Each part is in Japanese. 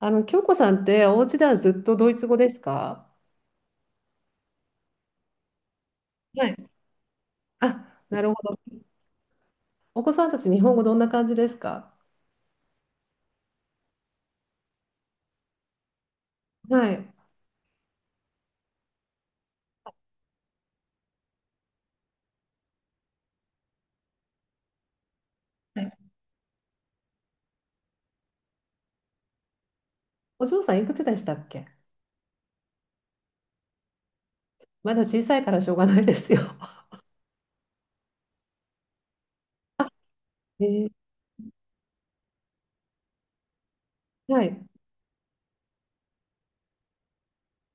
あの、京子さんって、お家ではずっとドイツ語ですか？はい。あ、なるほど。お子さんたち、日本語どんな感じですか？はい。はい。お嬢さん、いくつでしたっけ？まだ小さいからしょうがないですよ。えー、はい。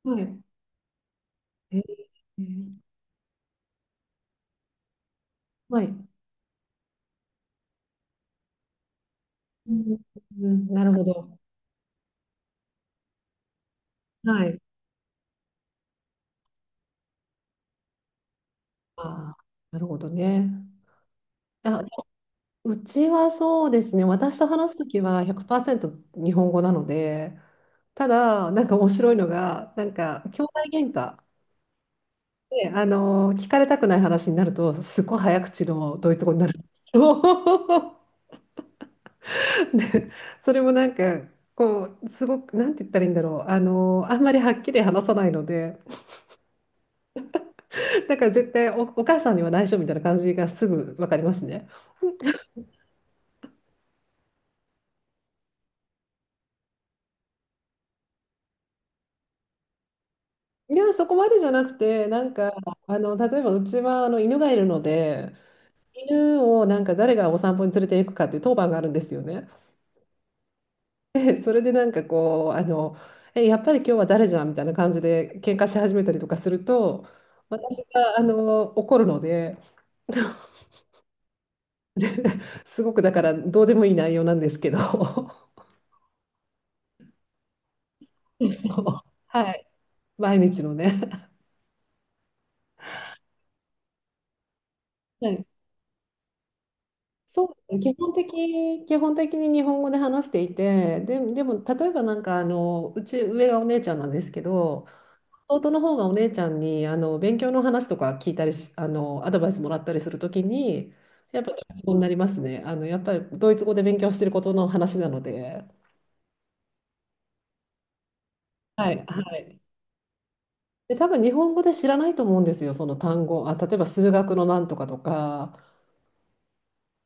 はい。えー、はい。うん、うんなるほど。はい。あー、なるほどね。あ、あうちはそうですね。私と話すときは100%日本語なので、ただ、なんか面白いのが、なんか、兄弟喧嘩。ね、あの聞かれたくない話になるとすごい早口のドイツ語になるんですよ。で、それもなんかこうすごくなんて言ったらいいんだろう、あのあんまりはっきり話さないので、だから絶対お母さんには内緒みたいな感じがすぐ分かりますね。いや、そこまでじゃなくてなんかあの例えばうちはあの犬がいるので、犬をなんか誰がお散歩に連れて行くかっていう当番があるんですよね。それでなんかこう、あの、え、やっぱり今日は誰じゃんみたいな感じで喧嘩し始めたりとかすると、私があの怒るので、すごくだからどうでもいい内容なんですけど、そう。はい、毎日のね。はい、そう基本的に日本語で話していて、でも例えばなんかあのうち上がお姉ちゃんなんですけど、弟の方がお姉ちゃんにあの勉強の話とか聞いたりしあのアドバイスもらったりするときにやっぱドイツ語になりますね。あのやっぱりドイツ語で勉強してることの話なので。はい、はい。で多分日本語で知らないと思うんですよ、その単語。あ、例えば数学のなんとかとか、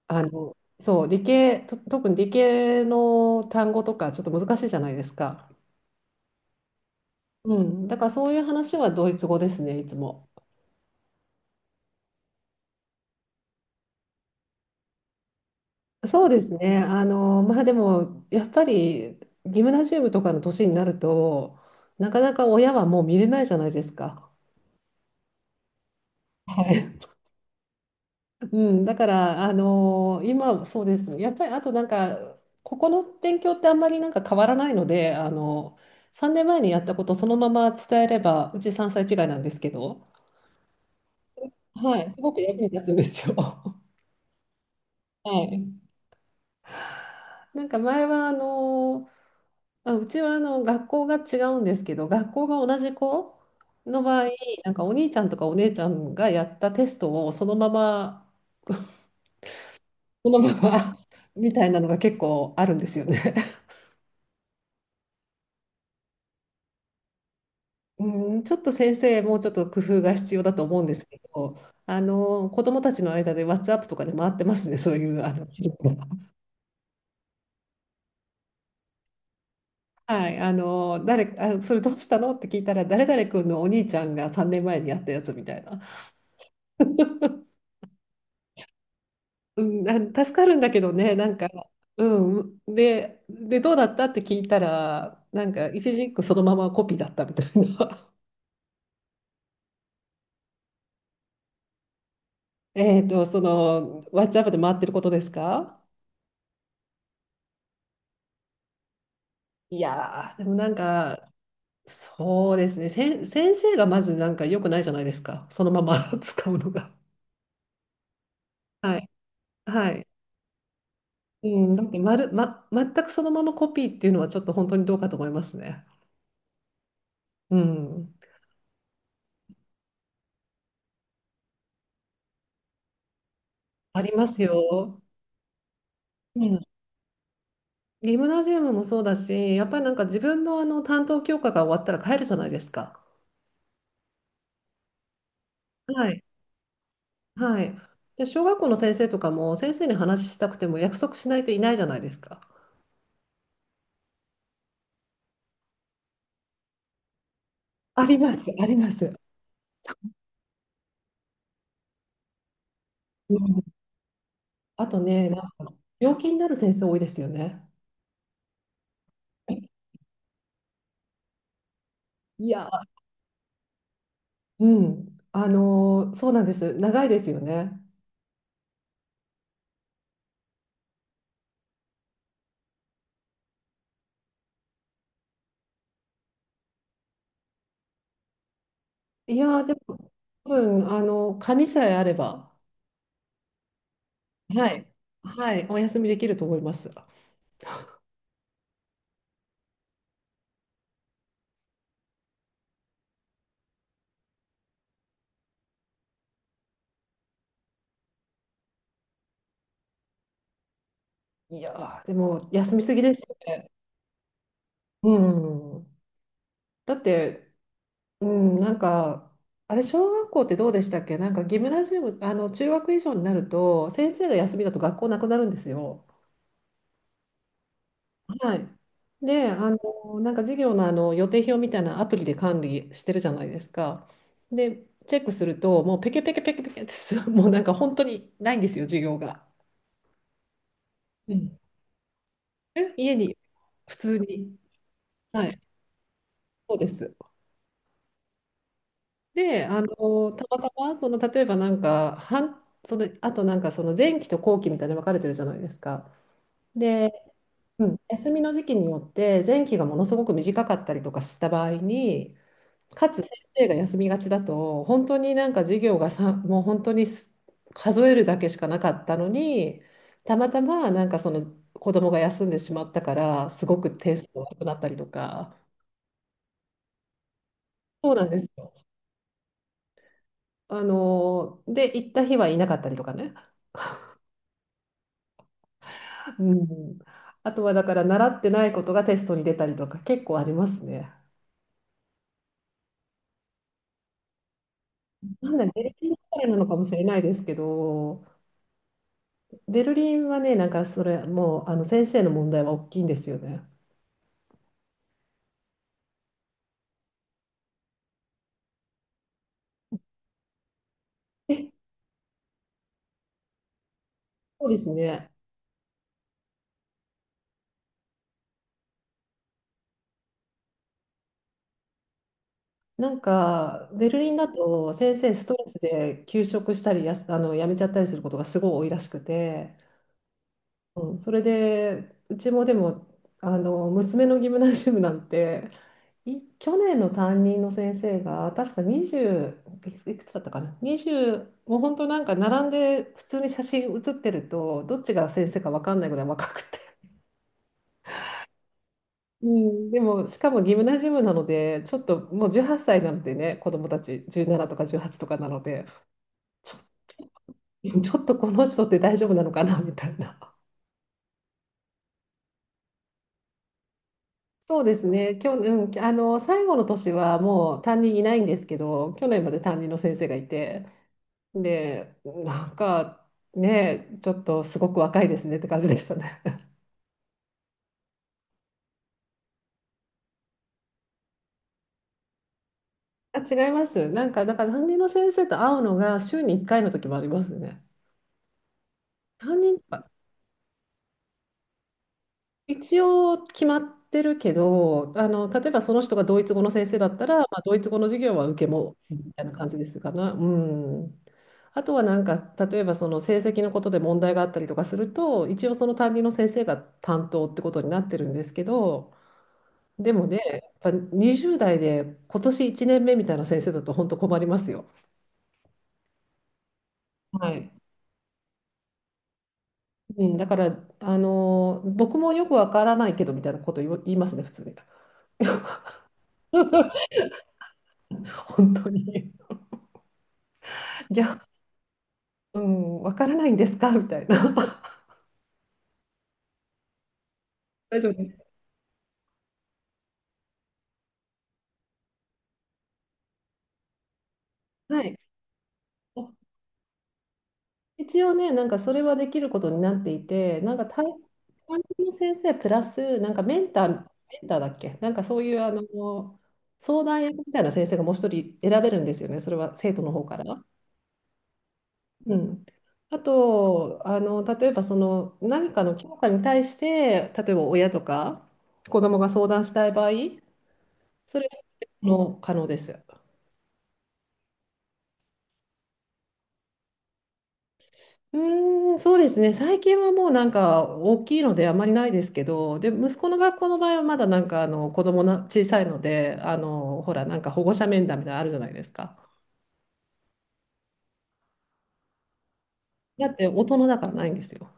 あのそう理系と特に理系の単語とかちょっと難しいじゃないですか。うん、だからそういう話はドイツ語ですね、いつも。そうですね。あの、まあでも、やっぱり、ギムナジウムとかの年になると、なかなか親はもう見れないじゃないですか。はい。うん、だから、あの今、そうですね。やっぱり、あとなんか、ここの勉強ってあんまりなんか変わらないので、あの、3年前にやったことそのまま伝えれば、うち3歳違いなんですけど、はい。すごく役に立つんですよ。はい。なんか前はあ、うちはあの学校が違うんですけど、学校が同じ子の場合、なんかお兄ちゃんとかお姉ちゃんがやったテストをそのまま、そのまま みたいなのが結構あるんですよね。うん、ちょっと先生、もうちょっと工夫が必要だと思うんですけど、あの子どもたちの間で WhatsApp とかで回ってますね、そういうあの記録が。はい、あのそれどうしたのって聞いたら、誰々君のお兄ちゃんが3年前にやったやつみたいな。うん、あ、助かるんだけどね、なんか、うん、で、どうだったって聞いたら、なんか、一字一句そのままコピーだったみたいな。その、ワッチアップで回ってることですか？いやー、でもなんか、そうですね、先生がまずなんか良くないじゃないですか、そのまま 使うのが。はい。はい。うん、だってまる、ま、全くそのままコピーっていうのはちょっと本当にどうかと思いますね。うん。ありますよ。うん。ギムナジウムもそうだし、やっぱりなんか自分のあの担当教科が終わったら帰るじゃないですか。はい。はい。で、小学校の先生とかも先生に話したくても約束しないといないじゃないですか。あります、あります。うん、あとね、なんか病気になる先生多いですよね。いや、うん、そうなんです。長いですよね。いやー、でも、多分、紙さえあれば、はい、はい、お休みできると思います。いやー、でも、休みすぎですよね。うん。だって、うん、なんか、あれ、小学校ってどうでしたっけ？なんか、ギムナジウム、あの、中学以上になると、先生が休みだと学校なくなるんですよ。はい。で、あの、なんか授業の、あの予定表みたいなアプリで管理してるじゃないですか。で、チェックすると、もうペケペケペケペケってもうなんか本当にないんですよ、授業が。うん。え、家に、普通に。はい、そうです。で、あの、たまたま、その、例えばなんか、その、あとなんか、その前期と後期みたいに分かれてるじゃないですか。で、うん、休みの時期によって、前期がものすごく短かったりとかした場合に、かつ先生が休みがちだと、本当になんか授業がさ、もう本当に数えるだけしかなかったのに、たまたまなんかその子供が休んでしまったから、すごく点数が悪くなったりとか。そうなんですよ。あの、で、行った日はいなかったりとかね。うん、あとはだから習ってないことがテストに出たりとか結構ありますね。なんだベルリンだからなのかもしれないですけど、ベルリンはね、なんかそれもうあの先生の問題は大きいんですよね。え、そうですね。なんかベルリンだと先生ストレスで休職したりあの辞めちゃったりすることがすごい多いらしくて、うん、それでうちもでもあの娘のギムナジウムなんて去年の担任の先生が確か20いくつだったかな、20、もう本当なんか並んで普通に写真写ってるとどっちが先生か分かんないぐらい若くて、うん、でもしかもギムナジウムなのでちょっともう18歳なのでね子供たち17とか18とかなのでちょっと ちょっとこの人って大丈夫なのかなみたいな。そうですね、去年、うん、あの最後の年はもう担任いないんですけど去年まで担任の先生がいて、で、なんかね、ちょっとすごく若いですねって感じでしたね。あ、違います。なんか、だから担任の先生と会うのが週に1回の時もありますね。担任は一応決まってるけど、あの、例えばその人がドイツ語の先生だったら、まあ、ドイツ語の授業は受けもみたいな感じですかね。うん。あとはなんか、例えばその成績のことで問題があったりとかすると、一応その担任の先生が担当ってことになってるんですけど、でもね、やっぱ20代で今年1年目みたいな先生だと本当困りますよ。はい。うん、だから、僕もよくわからないけどみたいなこと言いますね、普通に。本当に。いや、うん、わからないんですかみたいな。大丈夫です。はい。一応ね、なんかそれはできることになっていて、なんか担任の先生プラス、なんかメンター、メンターだっけ、なんかそういうあの相談役みたいな先生がもう一人選べるんですよね、それは生徒の方から。うん、あとあの、例えばその何かの教科に対して、例えば親とか子供が相談したい場合、それは可能可能です。うーん、そうですね。最近はもうなんか大きいのであまりないですけど、で、息子の学校の場合はまだなんかあの子供な小さいので、あの、ほら、なんか保護者面談みたいなのあるじゃないですか。だって大人だからないんですよ。